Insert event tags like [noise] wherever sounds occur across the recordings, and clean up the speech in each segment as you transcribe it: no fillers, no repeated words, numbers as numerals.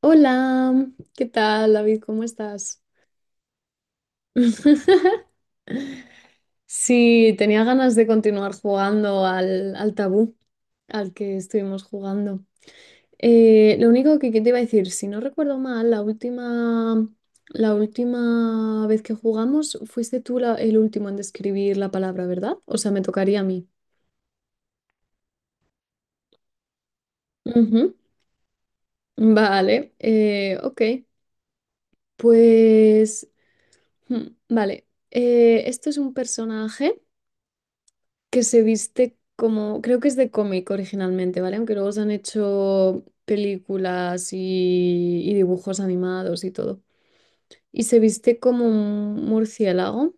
Hola, ¿qué tal, David? ¿Cómo estás? [laughs] Sí, tenía ganas de continuar jugando al tabú al que estuvimos jugando. Lo único que te iba a decir, si no recuerdo mal, la última vez que jugamos fuiste tú el último en describir la palabra, ¿verdad? O sea, me tocaría a mí. Ujú. Vale, ok. Pues, vale. Esto es un personaje que se viste como, creo que es de cómic originalmente, ¿vale? Aunque luego se han hecho películas y dibujos animados y todo. Y se viste como un murciélago.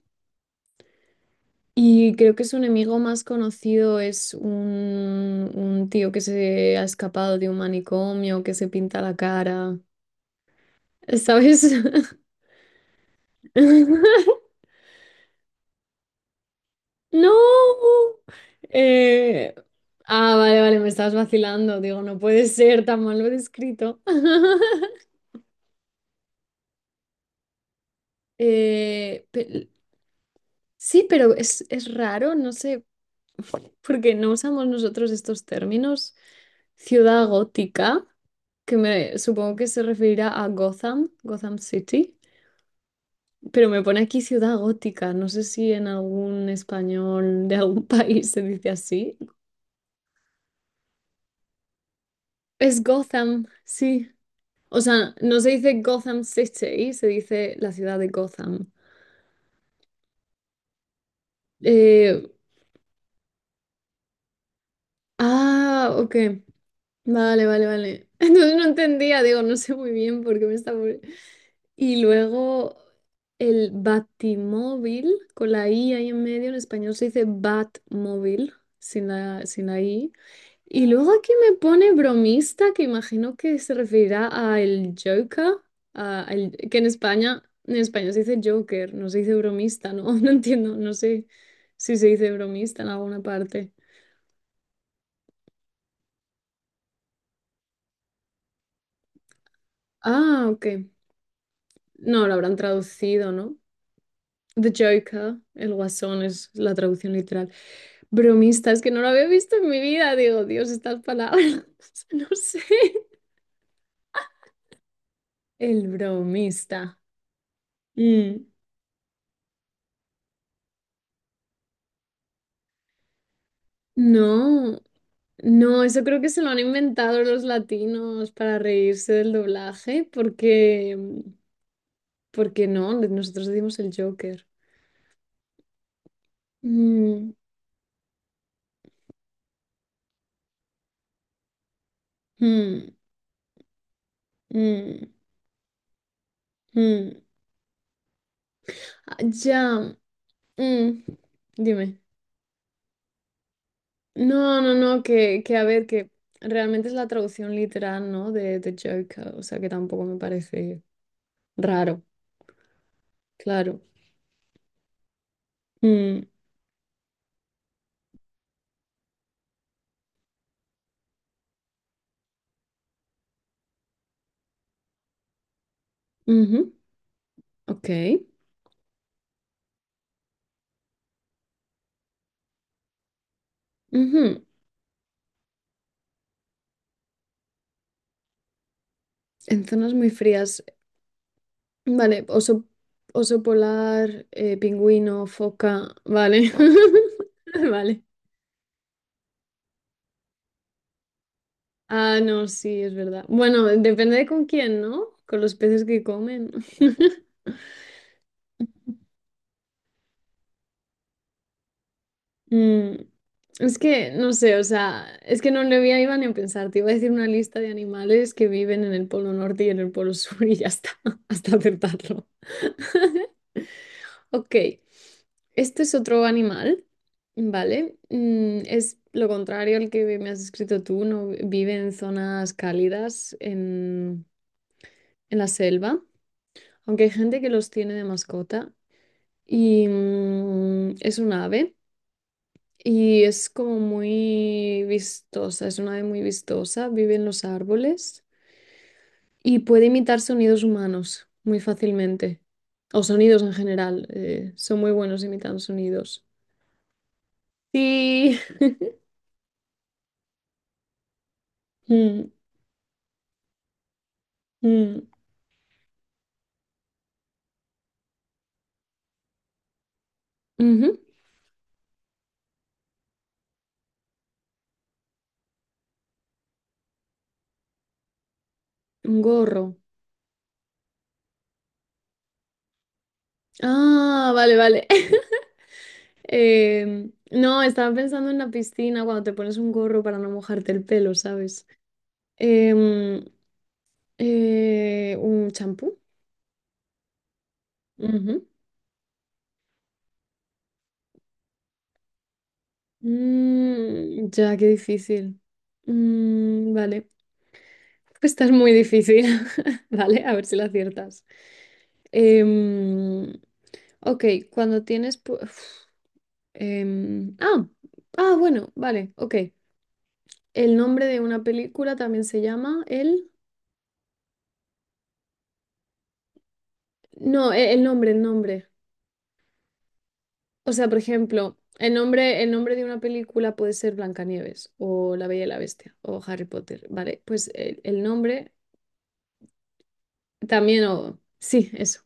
Y creo que su enemigo más conocido es un tío que se ha escapado de un manicomio, que se pinta la cara. ¿Sabes? [laughs] ¡No! Eh, vale, vale, me estabas vacilando. Digo, no puede ser tan mal lo descrito. [laughs] Eh, pe- sí, pero es raro, no sé, porque no usamos nosotros estos términos. Ciudad gótica, que me supongo que se referirá a Gotham, Gotham City, pero me pone aquí ciudad gótica. No sé si en algún español de algún [laughs] país se dice así. Es Gotham, sí. O sea, no se dice Gotham City, se dice la ciudad de Gotham. Eh, ok. Vale, vale, vale. [laughs] Entonces no entendía, digo, no sé muy bien por qué me está... Y luego el batimóvil, con la I ahí en medio, en español se dice batmóvil, sin la I. Y luego aquí me pone bromista, que imagino que se referirá a el Joker, que en España, en español se dice Joker, no se dice bromista, ¿no? [laughs] No entiendo, no sé si se dice bromista en alguna parte. Ah, ok. No, lo habrán traducido, ¿no? The Joker, el Guasón es la traducción literal. Bromista, es que no lo había visto en mi vida. Digo, Dios, estas palabras, [laughs] no sé. El bromista. Mm, No, no, eso creo que se lo han inventado los latinos para reírse del doblaje, porque, porque no, nosotros decimos el Joker. Mm, mm, mm, mm. Ah, Ya, mm, Dime. No, no, no, que a ver, que realmente es la traducción literal, ¿no? De Joker, o sea que tampoco me parece raro, claro. Mm, ujú, ok. Ujú. En zonas muy frías, vale, oso, oso polar, pingüino, foca, vale. [laughs] Vale. Ah, no, sí, es verdad. Bueno, depende de con quién, ¿no? Con los peces que comen. [laughs] Mm, es que, no sé, o sea, es que no le voy a iba ni a pensar, te iba a decir una lista de animales que viven en el Polo Norte y en el Polo Sur y ya está, [laughs] hasta acertarlo. Ok, este es otro animal, ¿vale? Es lo contrario al que me has escrito tú, no vi- vive en zonas cálidas, en la selva, aunque hay gente que los tiene de mascota y es un ave. Y es como muy vistosa, es una ave muy vistosa, vive en los árboles y puede imitar sonidos humanos muy fácilmente, o sonidos en general, son muy buenos imitando sonidos. Sí. [laughs] Mm, mm, ujú. Un gorro. Ah, vale, vale. [laughs] No, estaba pensando en la piscina cuando te pones un gorro para no mojarte el pelo, ¿sabes? Em, un champú. Ujú. Ya, qué difícil. Vale. [laughs] Esta es muy difícil. [laughs] Vale, a ver si la aciertas. Em, ok, cuando tienes... pu- uf, em, ah, ah, bueno, vale, ok. El nombre de una película también se llama el... No, el nombre, el nombre. O sea, por ejemplo, el nombre de una película puede ser Blancanieves o La Bella y la Bestia o Harry Potter. Vale, pues el nombre también o... Sí, eso.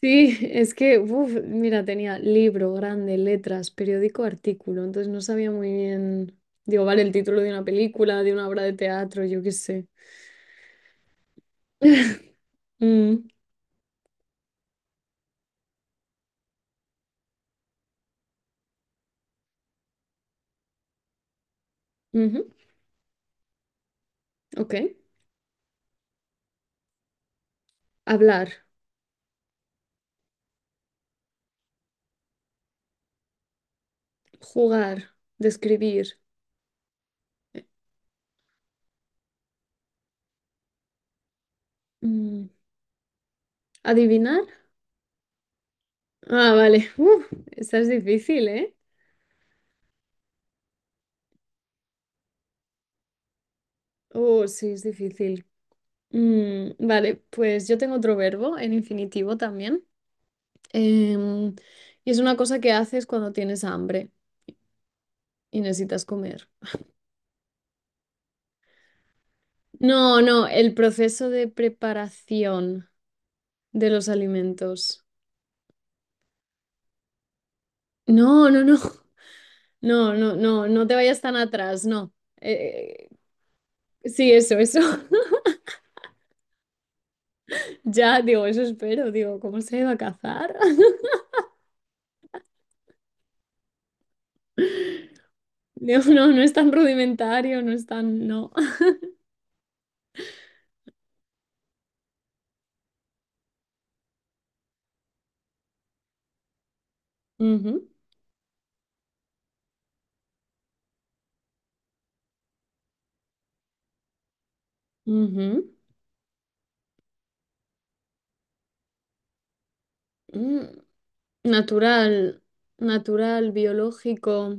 Sí, es que, uf, mira, tenía libro grande, letras, periódico, artículo, entonces no sabía muy bien, digo, vale, el título de una película, de una obra de teatro, yo qué sé. [laughs] Mm, Ujú, ok. Hablar, jugar, describir, eh, mm, adivinar. Ah, vale. [laughs] Uf, esta es difícil, ¿eh? Oh, sí, es difícil. Vale, pues yo tengo otro verbo en infinitivo también. Em, y es una cosa que haces cuando tienes hambre y necesitas comer. No, no, el proceso de preparación de los alimentos. No, no, no. [laughs] No, no, no, no te vayas tan atrás, no. Eh, sí, eso, eso. [laughs] Ya, digo, eso espero, digo, ¿cómo se iba a cazar? [laughs] Digo, no, no es tan rudimentario, no es tan, no. [laughs] Ujú, ujú, mm. Natural, natural, biológico,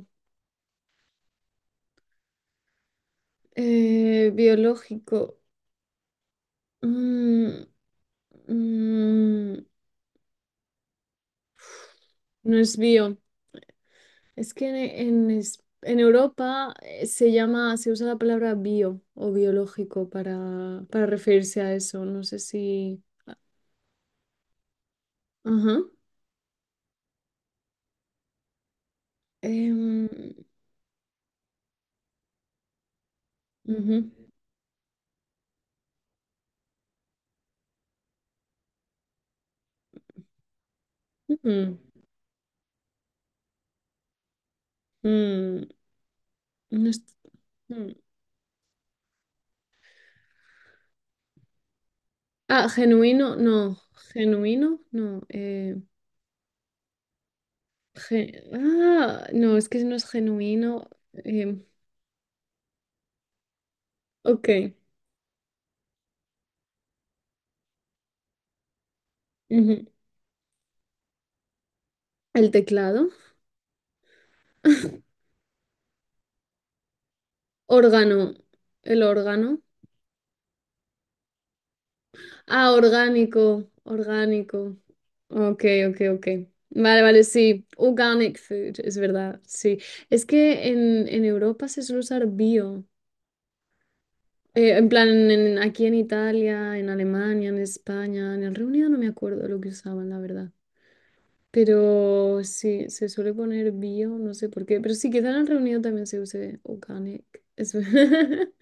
biológico. mm, mm, no es bio. Es que en, en Europa se llama, se usa la palabra bio o biológico para referirse a eso. No sé si. Ajá. em, ujú, mm, mm, no es- mm. Ah, genuino, no. Genuino, no. Ah, no, es que no es genuino. em, ok. Ujú. El teclado. [laughs] Órgano. El órgano. Ah, orgánico. Orgánico. Ok, ok, ok. Vale, vale, sí. Organic food, es verdad. Sí. Es que en Europa se suele usar bio. En plan, aquí en Italia, en Alemania, en España, en el Reino Unido no me acuerdo lo que usaban, la verdad. Pero sí, se suele poner bio, no sé por qué. Pero sí, quizá en el reunido también se use organic. Es ver- [laughs]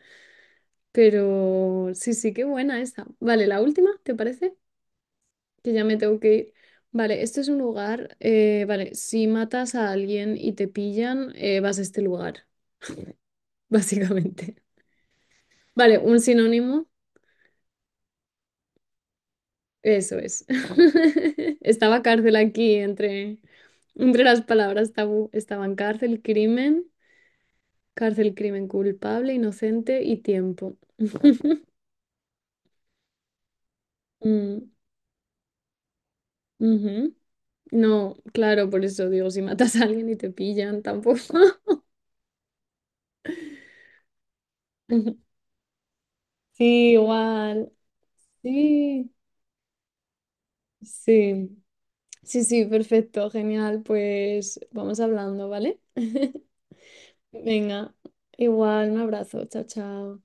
Pero sí, sí, qué buena esta. Vale, la última, ¿te parece? Que ya me tengo que ir. Vale, este es un lugar. Vale, si matas a alguien y te pillan, vas a este lugar, [laughs] básicamente. Vale, un sinónimo, eso es. [laughs] Estaba cárcel aquí entre las palabras tabú. Estaban cárcel, crimen. Cárcel, crimen, culpable, inocente y tiempo. [laughs] Mm, Ujú. No, claro, por eso digo, si matas a alguien y te pillan, tampoco. [laughs] Sí, igual. Sí, sí. Sí, sí, perfecto, genial. Pues vamos hablando, ¿vale? [laughs] Venga, igual, un abrazo, chao, chao.